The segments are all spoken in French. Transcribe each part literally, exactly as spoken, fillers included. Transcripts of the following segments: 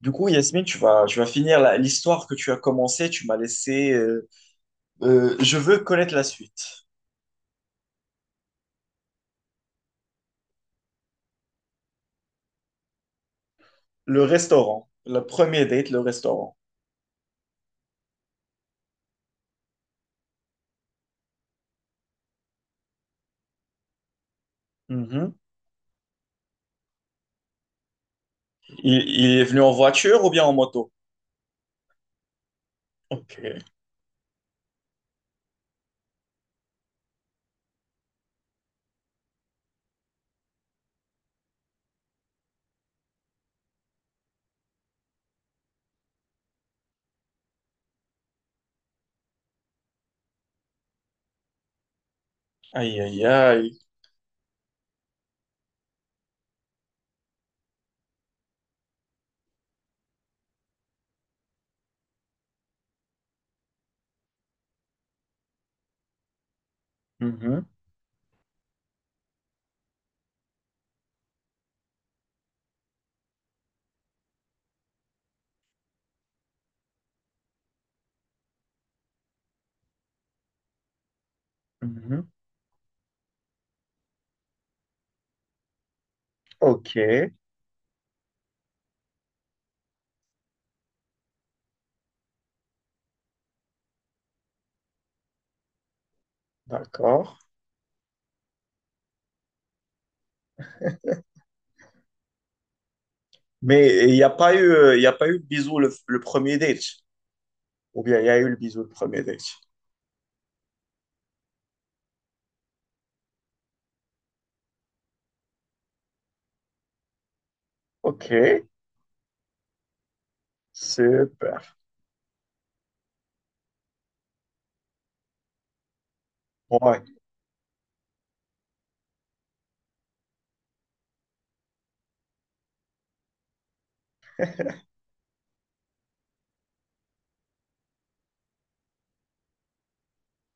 Du coup, Yasmine, tu vas, tu vas finir la- l'histoire que tu as commencée. Tu m'as laissé. Euh, euh, je veux connaître la suite. Le restaurant. Le premier date, le restaurant. Mhm. Il, il est venu en voiture ou bien en moto? Ok. Aïe, aïe, aïe. Mhm, mhm. Ok, d'accord. Mais il n'y a pas eu, euh, il n'y a pas eu le bisou le, le premier date. Ou bien il y a eu le bisou le premier date. Ok, super. Ouais.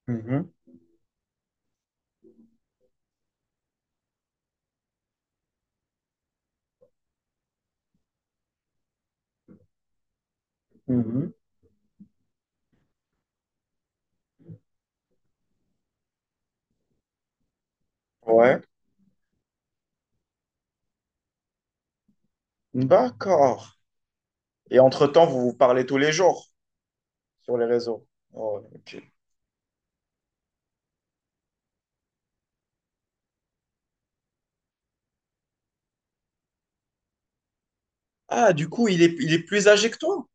Mhm, mhm. Ouais. D'accord. Et entre-temps, vous vous parlez tous les jours sur les réseaux. Oh, ok. Ah, du coup, il est, il est plus âgé que toi?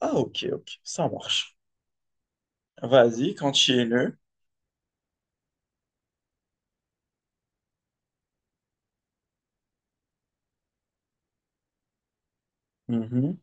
Ah, ok, ok, ça marche. Vas-y, continue. Mhm.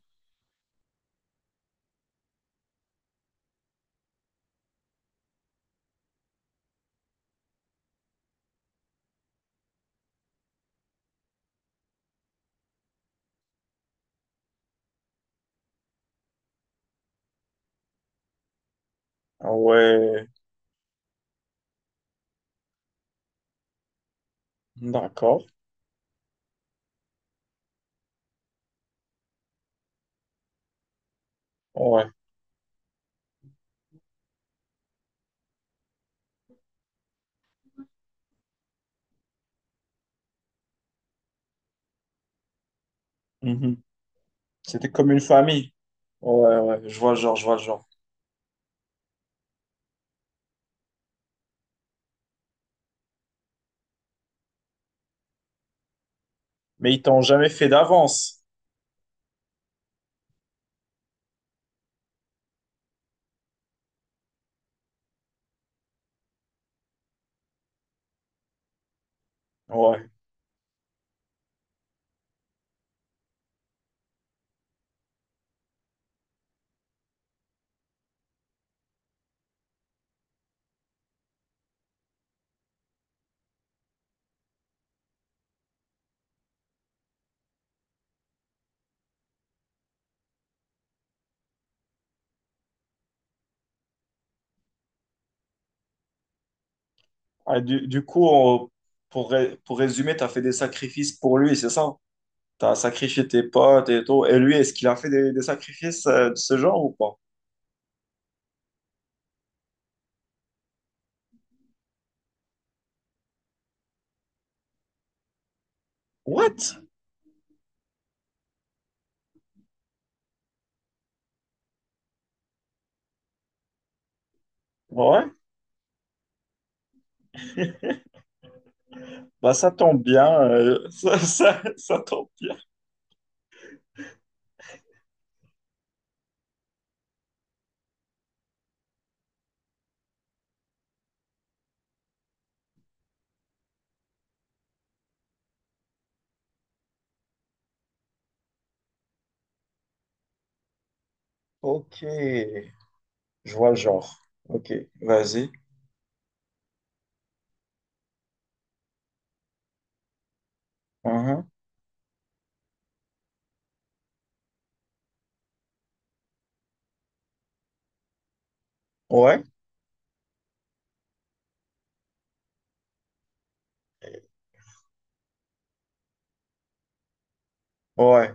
Ah ouais, d'accord. Ouais. Mhm. C'était comme une famille. Ouais, ouais, je vois le genre, je vois le genre. Mais ils t'ont jamais fait d'avance. Ouais. Ah, du, du coup, on- pour, ré- pour résumer, t'as fait des sacrifices pour lui, c'est ça? T'as sacrifié tes potes et tout. Et lui, est-ce qu'il a fait des, des sacrifices euh, de ce genre ou pas? What? Ouais, bah ça tombe bien, euh, ça, ça, ça tombe bien. Ok, je vois le genre. Ok, vas-y. Mhm. Ouais, ouais,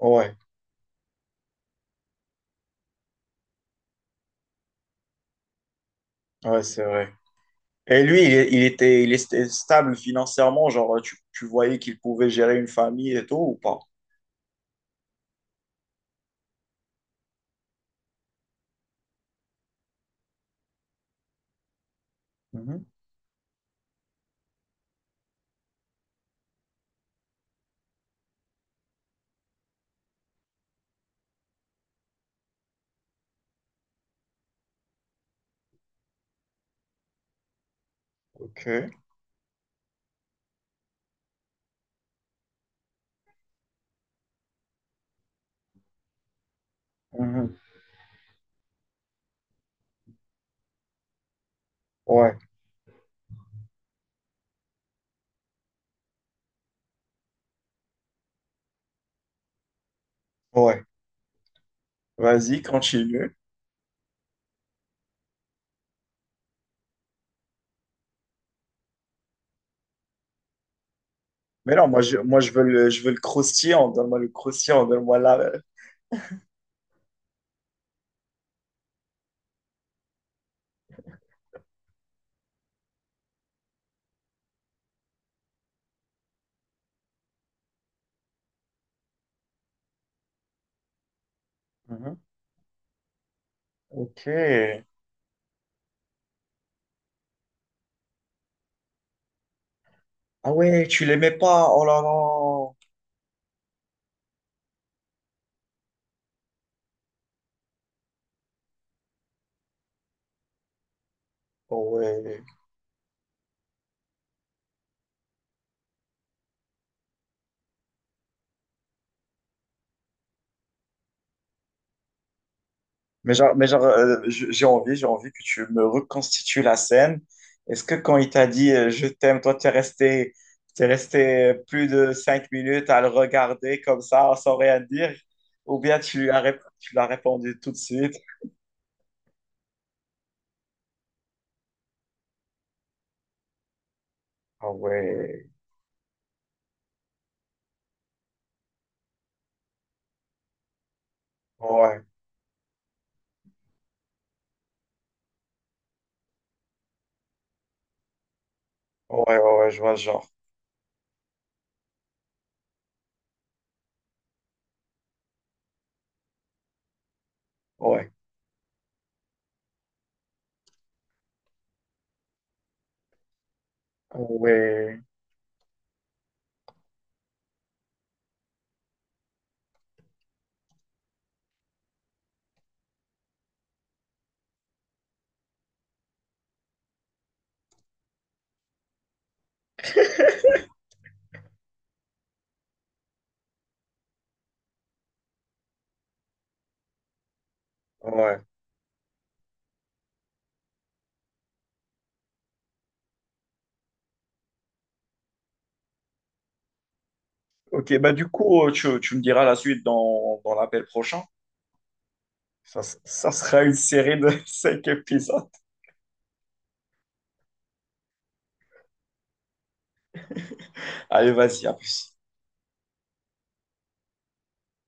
ouais, ouais, c'est vrai. Et lui, il, il était, il était stable financièrement, genre tu, tu voyais qu'il pouvait gérer une famille et tout ou pas? Mhm. Ok. Mhm. Ouais, ouais. Vas-y, continue. Mais non, moi je, moi je veux le, je veux le croustillant, donne-moi le croustillant, donne-moi la, Mhm. Ok. Ah ouais, tu l'aimais pas. Oh là là. Oh ouais. Mais genre, mais genre euh, je- j'ai envie, j'ai envie que tu me reconstitues la scène. Est-ce que quand il t'a dit euh, je t'aime, toi, t'es resté, t'es resté plus de cinq minutes à le regarder comme ça, sans rien dire? Ou bien tu as, rép- tu l'as répondu tout de suite? Ah ouais, ouais, ouais, ouais, ouais, je vois le genre. Ouais, ouais, ouais. Ok, bah du coup, euh, tu, tu me diras la suite dans, dans l'appel prochain. Ça, ça sera une série de cinq épisodes. Allez, vas-y, à plus.